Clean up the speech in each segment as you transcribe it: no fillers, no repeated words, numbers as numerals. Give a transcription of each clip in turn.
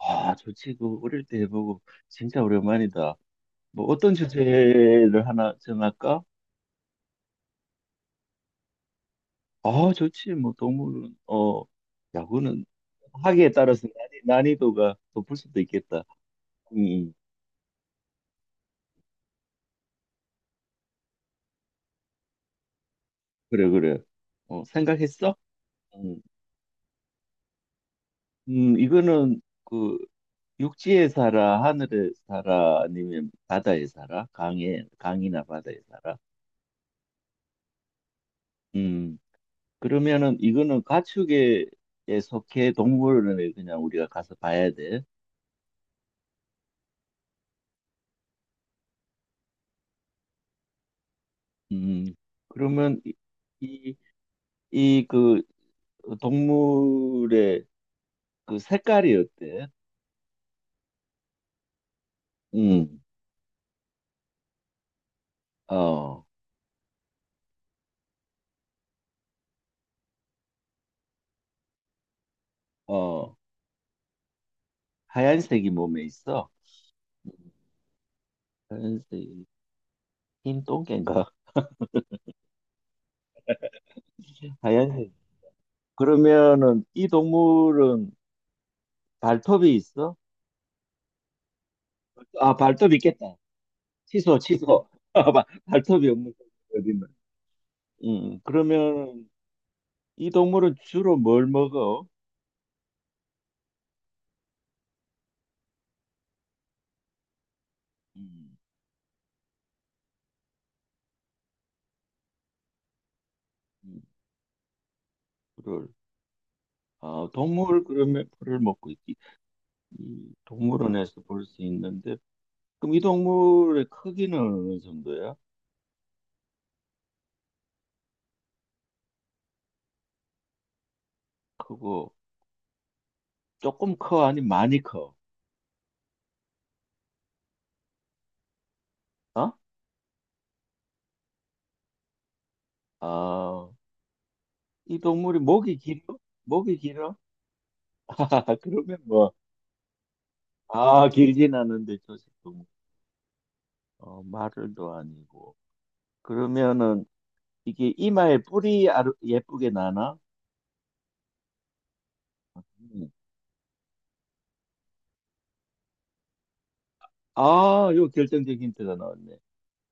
아, 저 친구 어릴 때 해 보고 진짜 오랜만이다. 뭐 어떤 주제를 하나 정할까? 아, 좋지. 뭐 동물은 야구는 하기에 따라서 난이도가 높을 수도 있겠다. 음, 음. 그래 그래. 생각했어? 음, 이거는 그 육지에 살아, 하늘에 살아, 아니면 바다에 살아? 강에 강이나 바다에 살아? 음, 그러면은 이거는 가축에 속해 동물원에 그냥 우리가 가서 봐야 돼. 음, 그러면 이, 이 그 동물의 그 색깔이 어때? 음, 어, 어, 하얀색이 몸에 있어? 하얀색이 흰 똥개인가? 하얀색. 그러면은 이 동물은 발톱이 있어? 아, 발톱 있겠다. 취소, 취소. 아, 발톱이 없는 거거든요. 그러면 이 동물은 주로 뭘 먹어? 음, 음, 주 아, 동물 그러면 풀을 먹고 있지. 이 동물원에서 볼 수 있는데 그럼 이 동물의 크기는 어느 정도야? 크고 조금 커 아니 많이 커? 어? 아, 이 동물이 목이 길어? 목이 길어? 그러면 뭐? 아, 길진 않은데 조식 동물. 마를도 아니고. 그러면은 이게 이마에 뿔이 예쁘게 나나? 음. 아, 요 결정적인 힌트가 나왔네.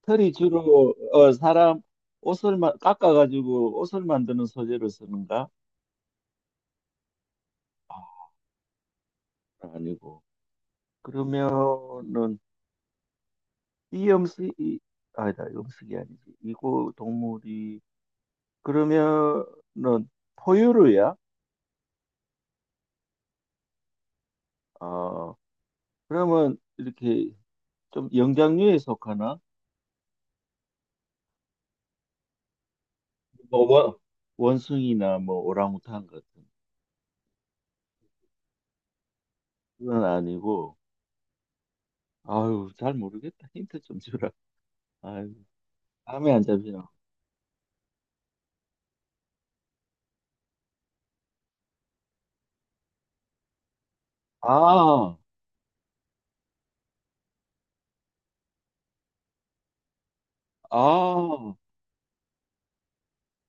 털이 주로 사람 옷을 깎아가지고 옷을 만드는 소재로 쓰는가? 아, 아니고. 그러면은 이 음식, 이, 아니다, 음식이 아니지. 이고 동물이, 그러면은 포유류야? 아, 그러면 이렇게 좀 영장류에 속하나? 뭐, 원숭이나 뭐 오랑우탄 같은 그건 아니고, 아유, 잘 모르겠다. 힌트 좀 주라. 아유, 감이 안 잡히나. 아, 아,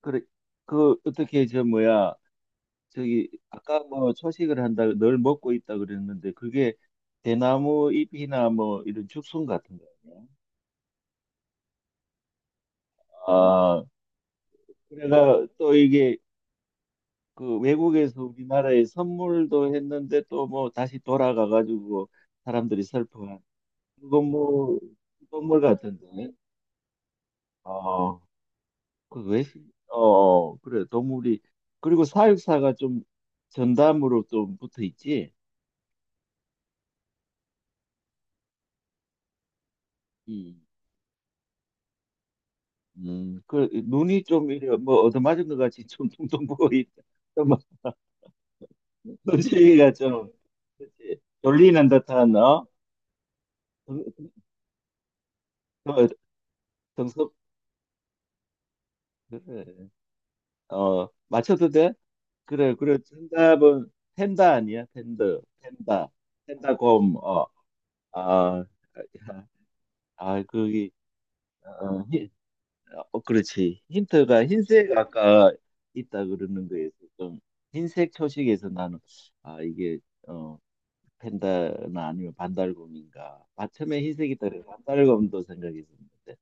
그래. 그, 어떻게, 저, 뭐야. 저기 아까 뭐 초식을 한다 늘 먹고 있다 그랬는데 그게 대나무 잎이나 뭐 이런 죽순 같은 거 아니야? 아, 그래가 또 이게 그 외국에서 우리나라에 선물도 했는데 또 뭐 다시 돌아가 가지고 사람들이 슬퍼한 그거 뭐 동물 같은데 어, 그왜 어 그래 동물이 그리고 사육사가 좀 전담으로 좀 붙어 있지 그 눈이 좀 이래 뭐 얻어맞은 것 같이 좀 퉁퉁 부어 있다. 뭐 눈시가 좀 졸리는 듯한 덩- 덩- 덩석 그래. 맞춰도 돼? 그래 그래 정답은 텐다 아니야? 텐더 텐다 텐다곰 어아아 거기 어, 히- 그렇지 힌트가 흰색 아까 있다 그러는 거에서 좀 흰색 초식에서 나는 아 이게 어, 펜다나 아니면 반달곰인가. 아, 처음에 흰색이 떠오르 반달곰도 생각했었는데.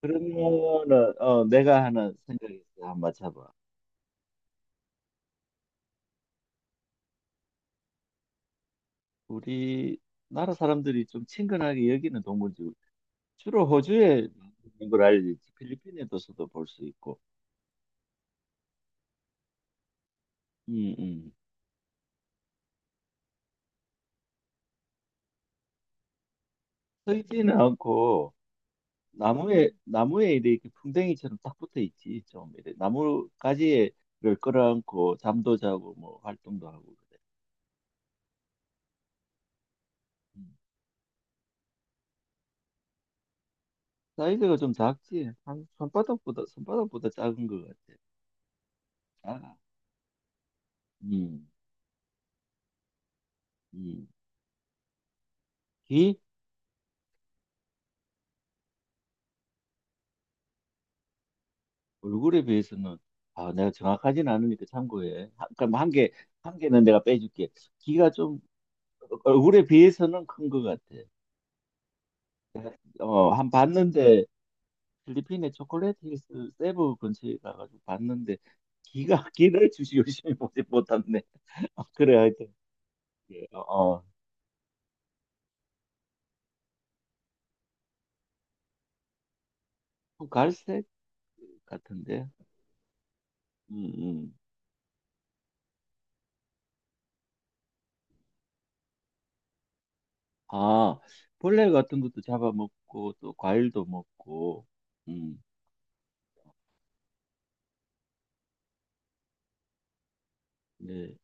그러면은 내가 하나 생각했어. 한번 맞춰봐. 우리 나라 사람들이 좀 친근하게 여기는 동물들 주로 호주에 있는 걸 알지. 필리핀에도서도 볼 수 있고. 음, 음. 서 있지는 않고 나무에 이렇게 풍뎅이처럼 딱 붙어 있지. 좀 이래. 나무 가지를 끌어안고 잠도 자고 뭐 활동도 하고 그래. 사이즈가 좀 작지? 한 손바닥보다 작은 것 같아. 작아. 음, 음. 귀? 얼굴에 비해서는, 아, 내가 정확하진 않으니까 참고해. 그럼 한 개는 내가 빼줄게. 귀가 좀, 얼굴에 비해서는 큰 것 같아. 한 봤는데, 필리핀의 초콜릿 힐스 세부 근처에 가가지고 봤는데, 귀가, 귀를 주시 열심히 보지 못했네. 그래, 하여튼. 예, 어, 어. 좀 갈색 같은데? 음, 음. 아, 벌레 같은 것도 잡아먹고, 또 과일도 먹고, 음, 네.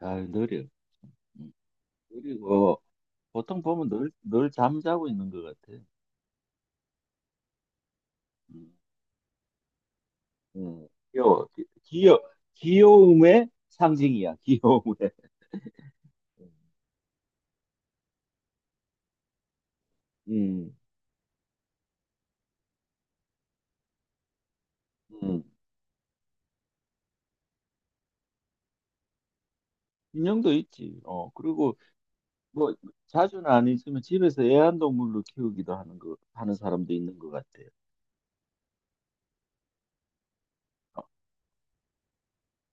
아, 느려. 음. 그리고 보통 보면 늘 잠자고 있는 것 같아. 음, 귀여워. 귀여움의 상징이야, 귀여움의. 음, 음. 인형도 있지. 그리고 뭐, 자주는 아니지만 집에서 애완동물로 키우기도 하는 사람도 있는 것 같아. 요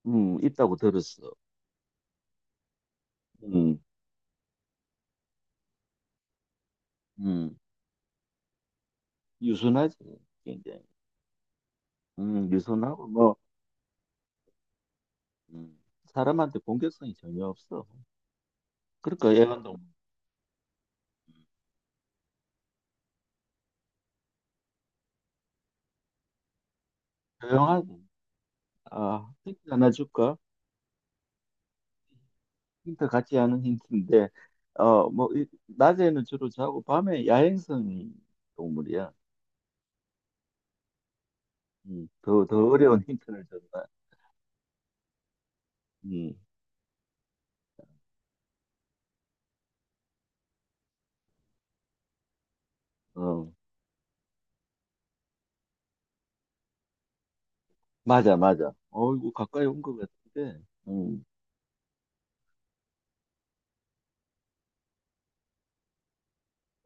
있다고 들었어. 음, 음. 유순하지, 굉장히. 유순하고, 뭐, 음, 사람한테 공격성이 전혀 없어. 그러니까 애완동 조용하고, 아, 힌트 하나 줄까? 힌트 같지 않은 힌트인데, 뭐, 낮에는 주로 자고, 밤에 야행성이 동물이야. 더 어려운 힌트를 줬다. 음, 어, 맞아, 맞아. 어이구, 가까이 온 것 같은데,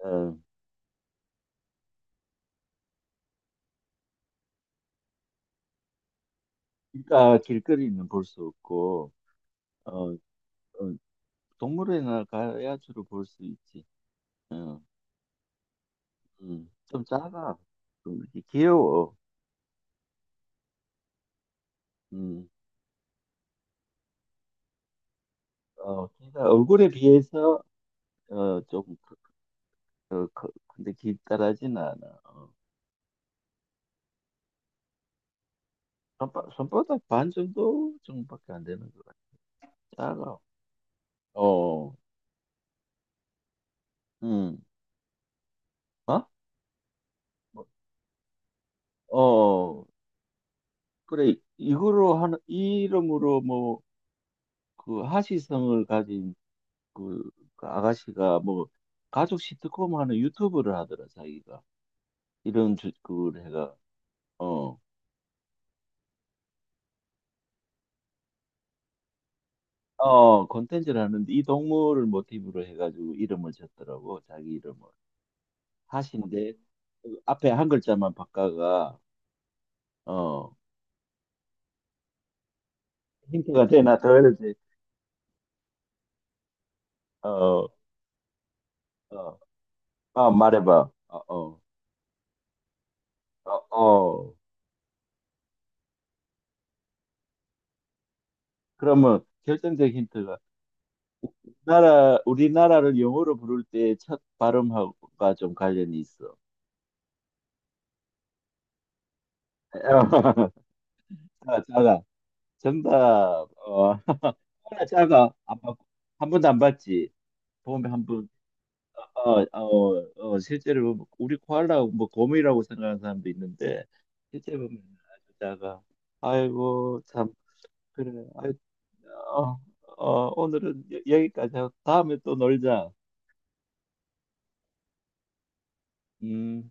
어, 그러니까 길거리는 볼 수 없고, 어, 어, 동물원이나 가야 주로 볼 수 있지. 좀 작아. 좀 이렇게 귀여워. 음, 걔가 얼굴에 비해서, 좀, 근데 길다라진 않아. 어. 손바닥 반 정도밖에 안 되는 것 같아. 작아. 어, 음, 어? 뭐, 어, 그래. 이 이름으로 뭐, 그 하시성을 가진 그, 그 아가씨가 뭐, 가족 시트콤 하는 유튜브를 하더라, 자기가. 이런 그걸 해가. 어. 콘텐츠를 하는데 이 동물을 모티브로 해가지고 이름을 졌더라고, 자기 이름을. 하신데 그 앞에 한 글자만 바꿔가, 어, 힌트가 되나 더 해야지. 어, 어, 아, 말해봐. 어, 어, 어, 어. 그러면 결정적 힌트가 나라, 우리나라를 영어로 부를 때 첫 발음하고가 좀 관련이 있어. 자, 자가. 정답. 어, 하나 작안 봤- 한 번도 안 봤지. 보험에 한번 실제로 보면 우리 코알라 뭐 곰이라고 생각하는 사람도 있는데 실제 보면 아주 작아. 아이고 참 그래. 아이, 어, 어, 오늘은 여기까지 하고 다음에 또 놀자. 음.